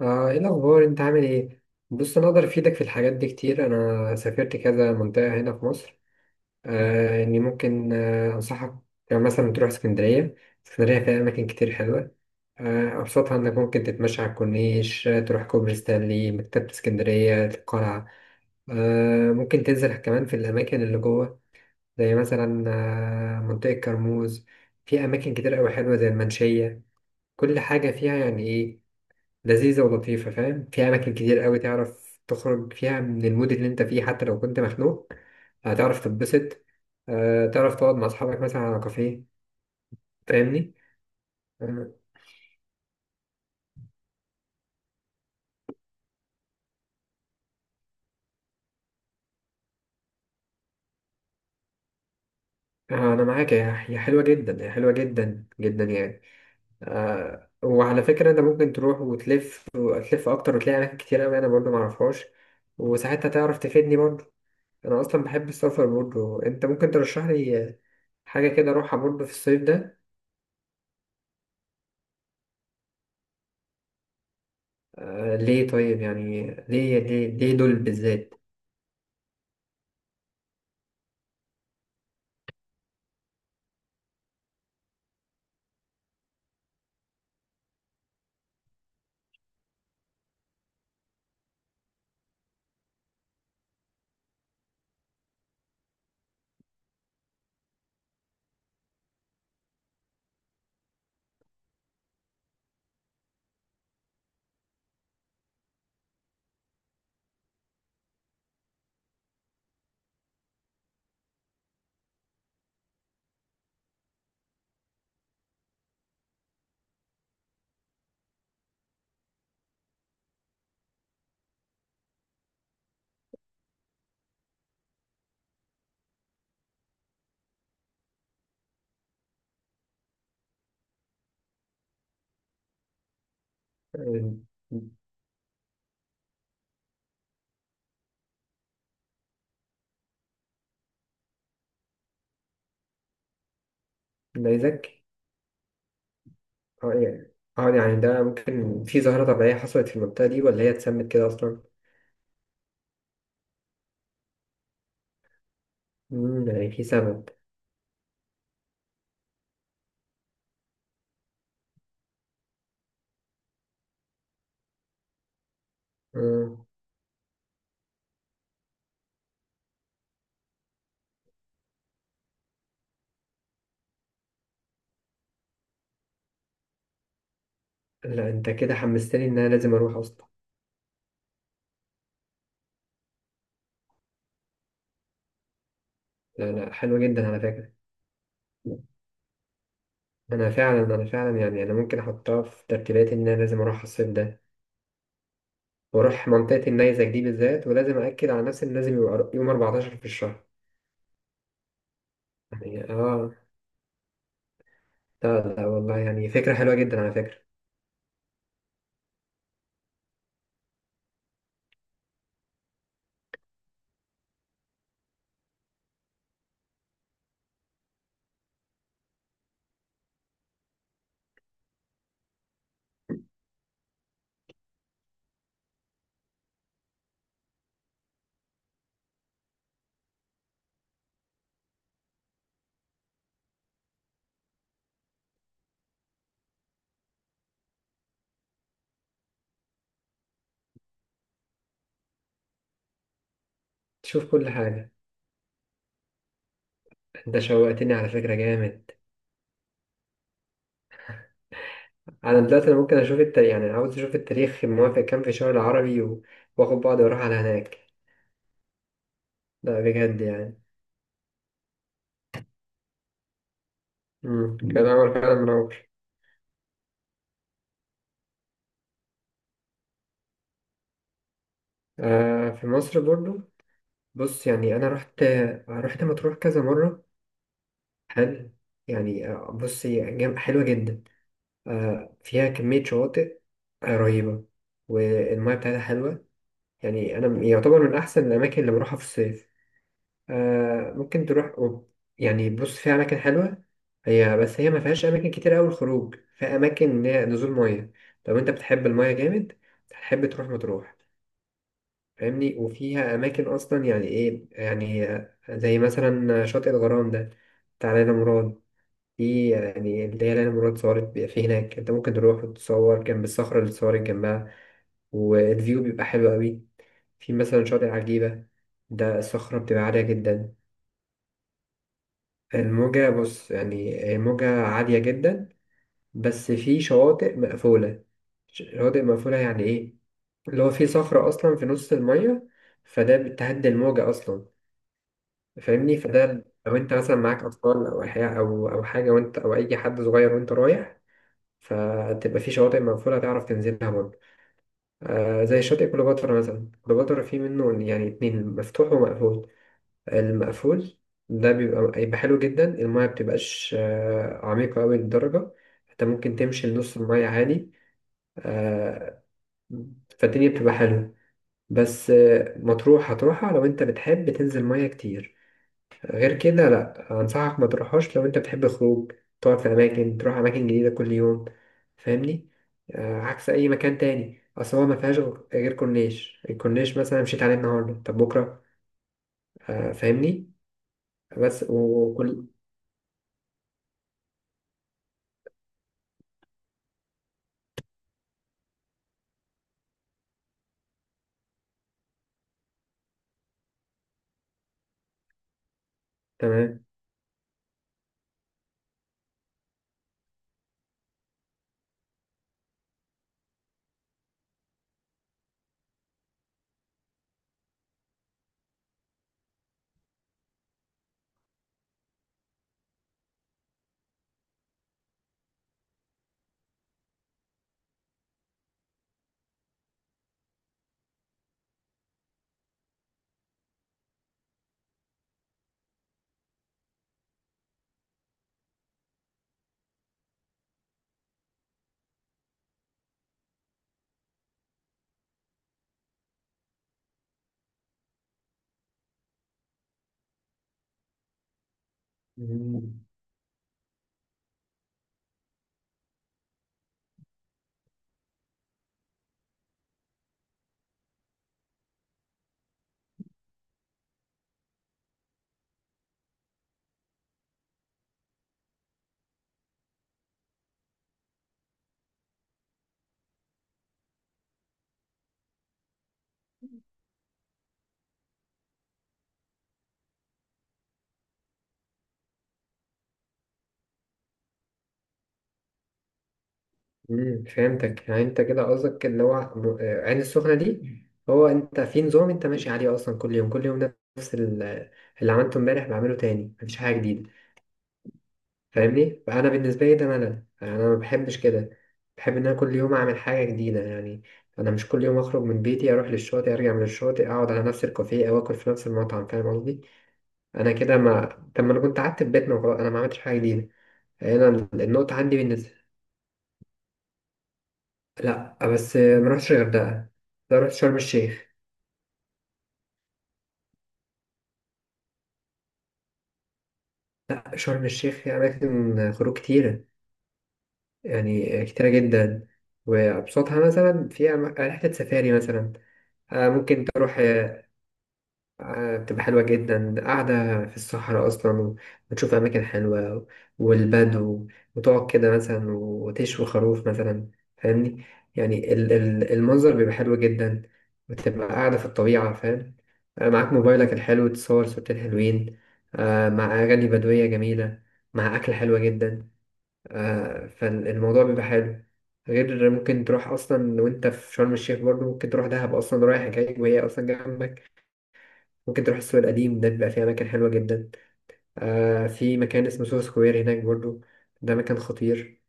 ايه الاخبار، انت عامل ايه؟ بص انا اقدر افيدك في الحاجات دي كتير. انا سافرت كذا منطقه هنا في مصر. اني ممكن انصحك. يعني مثلا تروح اسكندريه. اسكندريه فيها اماكن كتير حلوه. ابسطها انك ممكن تتمشى على الكورنيش. تروح كوبري ستانلي، مكتبه اسكندريه، القلعه. ممكن تنزل كمان في الاماكن اللي جوه، زي مثلا منطقه كرموز. في اماكن كتير قوي حلوه زي المنشيه. كل حاجه فيها يعني ايه، لذيذة ولطيفة، فاهم. في أماكن كتير قوي تعرف تخرج فيها من المود اللي أنت فيه، حتى لو كنت مخنوق هتعرف تتبسط. تعرف تقعد مع أصحابك مثلا على كافيه، فاهمني. آه، أنا معاك. هي حلوة جدا، هي حلوة جدا جدا يعني. وعلى فكرة، أنت ممكن تروح وتلف وتلف أكتر وتلاقي أماكن كتير قوي أنا برضو معرفهاش، وساعتها تعرف تفيدني برضو. أنا أصلا بحب السفر، برضو أنت ممكن ترشح لي حاجة كده أروحها برضو في الصيف ده. ليه طيب؟ يعني ليه دول بالذات؟ آه، ده يزكي. اه يعني، اه يعني ده ممكن في ظاهرة طبيعية حصلت في المنطقة دي ولا هي اتسمت كده أصلا؟ مم، يعني في سبب. مم. لا أنت كده حمستني إن أنا لازم أروح أصلا. لا لا، حلوة جدا على فكرة. أنا فعلا يعني، أنا ممكن أحطها في ترتيباتي إن أنا لازم أروح الصيف ده وأروح منطقة النيزك دي بالذات، ولازم أأكد على نفسي إن لازم يبقى يوم 14 في الشهر. يعني آه. لا لا والله، يعني فكرة حلوة جدا على فكرة. تشوف كل حاجة. انت شوقتني على فكرة، جامد. انا دلوقتي انا ممكن اشوف التاريخ، يعني عاوز اشوف التاريخ موافق كام في الشهر العربي واخد بعض واروح على هناك. لا بجد يعني. مم. كان عمل فعلا منور. في مصر برضو. بص يعني انا رحت، رحت مطروح كذا مرة. حلو. يعني بص، حلوة جدا. فيها كمية شواطئ رهيبة، والمياه بتاعتها حلوة. يعني انا يعتبر من احسن الاماكن اللي بروحها في الصيف. ممكن تروح أوروبا. يعني بص، في أماكن حلوة. هي بس هي ما فيهاش أماكن كتير أوي الخروج، في أماكن إن هي نزول مية. لو أنت بتحب المية جامد، هتحب تروح مطروح. فاهمني. وفيها أماكن أصلا، يعني إيه؟ يعني زي مثلا شاطئ الغرام ده بتاع ليلى مراد، دي يعني اللي هي ليلى مراد صورت بيبقى في هناك. أنت ممكن تروح وتتصور جنب الصخرة اللي اتصورت جنبها، والفيو بيبقى حلو أوي. في مثلا شاطئ عجيبة، ده الصخرة بتبقى عالية جدا. الموجة بص، يعني هي موجة عالية جدا، بس في شواطئ مقفولة. شواطئ مقفولة يعني إيه؟ اللي هو في صخرة أصلا في نص المية، فده بتهدي الموجة أصلا. فاهمني. فده لو أنت مثلا معاك أطفال أو أحياء، أو أو حاجة، وأنت أو أي حد صغير وأنت رايح، فتبقى في شواطئ مقفولة تعرف تنزلها برضه. آه زي شاطئ كليوباترا مثلا. كليوباترا فيه منه يعني اتنين، مفتوح ومقفول. المقفول ده بيبقى هيبقى حلو جدا. المايه مبتبقاش عميقة أوي للدرجة. انت ممكن تمشي لنص المايه عادي. آه، فالدنيا بتبقى حلوة. بس مطروح هتروحها لو انت بتحب تنزل مايه كتير. غير كده لأ، أنصحك ما تروحهاش لو انت بتحب خروج، تقعد في أماكن، تروح أماكن جديدة كل يوم، فاهمني. عكس أي مكان تاني. أصل هو ما فيهاش غير كورنيش. الكورنيش مثلا مشيت عليه النهاردة، طب بكرة؟ فاهمني. بس وكل. تمام. مم. مم. فهمتك. يعني انت كده قصدك اللي هو عين السخنة دي هو انت في نظام انت ماشي عليه اصلا كل يوم كل يوم، نفس اللي عملته امبارح بعمله تاني، مفيش حاجة جديدة. فاهمني. فانا بالنسبة لي ده ملل، يعني انا ما بحبش كده. بحب ان انا كل يوم اعمل حاجة جديدة يعني. انا مش كل يوم اخرج من بيتي اروح للشاطئ، ارجع من الشاطئ اقعد على نفس الكافيه، او اكل في نفس المطعم، فاهم قصدي. انا كده ما. طب ما انا كنت قعدت في بيتنا وخلاص، انا ما عملتش حاجة جديدة. هنا النقطة عندي بالنسبة. لا بس ما رحتش الغردقة. لا رحت شرم الشيخ. شرم الشيخ فيها أماكن خروج كتيرة، يعني كتيرة جدا. وأبسطها مثلا فيها رحلة سفاري مثلا. ممكن تروح. بتبقى حلوة جدا، قاعدة في الصحراء أصلا وبتشوف أماكن حلوة والبدو، وتقعد كده مثلا وتشوي خروف مثلا، فاهمني. يعني المنظر بيبقى حلو جدا، وتبقى قاعدة في الطبيعة، فاهم. معاك موبايلك الحلو، تصور صورتين حلوين، مع أغاني بدوية جميلة، مع أكل حلوة جدا. فالموضوع بيبقى حلو. غير ممكن تروح أصلا، وأنت في شرم الشيخ برضه ممكن تروح دهب أصلا رايح جاي، وهي أصلا جنبك. ممكن تروح السوق القديم، ده بيبقى فيه أماكن حلوة جدا. في مكان اسمه سوهو سكوير هناك برضو، ده مكان خطير.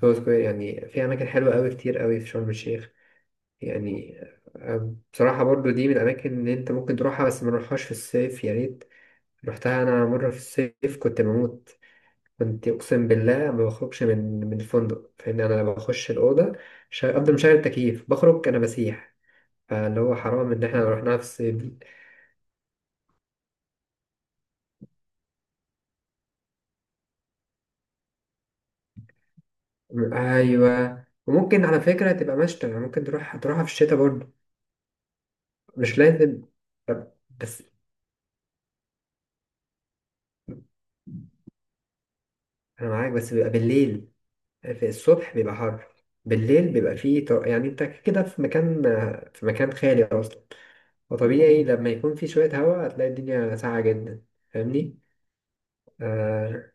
سوهو سكوير يعني فيه أماكن حلوة أوي، كتير أوي في شرم الشيخ. يعني بصراحة برضو دي من الأماكن اللي أنت ممكن تروحها، بس ما نروحهاش في الصيف يا ريت. رحتها أنا مرة في الصيف، كنت بموت. كنت أقسم بالله ما بخرجش من الفندق، فإن أنا لما بخش الأوضة، أفضل مشغل التكييف، بخرج أنا بسيح. فاللي هو حرام إن إحنا رحناها في الصيف. ايوه، وممكن على فكره تبقى مشتى، يعني ممكن تروح هتروحها في الشتاء برضه، مش لازم. بس انا معاك، بس بيبقى بالليل. في الصبح بيبقى حر. بالليل بيبقى فيه يعني انت كده في مكان، في مكان خالي اصلا، وطبيعي لما يكون في شويه هواء هتلاقي الدنيا ساقعه جدا، فاهمني. آه،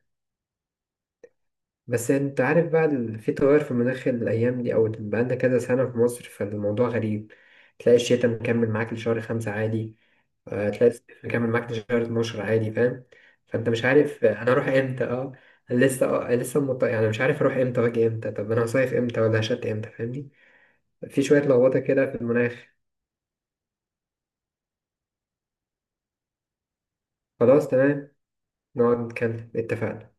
بس انت عارف بقى في تغير في المناخ الايام دي، او بقالنا كذا سنه في مصر، فالموضوع غريب. تلاقي الشتاء مكمل معاك لشهر 5 عادي. تلاقي الصيف مكمل معاك لشهر 12 عادي، فاهم. فانت مش عارف انا اروح امتى. اه لسه. يعني مش عارف اروح امتى واجي امتى، طب انا هصيف امتى ولا هشت امتى، فاهمني. في شويه لخبطه كده في المناخ. خلاص تمام. نقعد نتكلم، اتفقنا.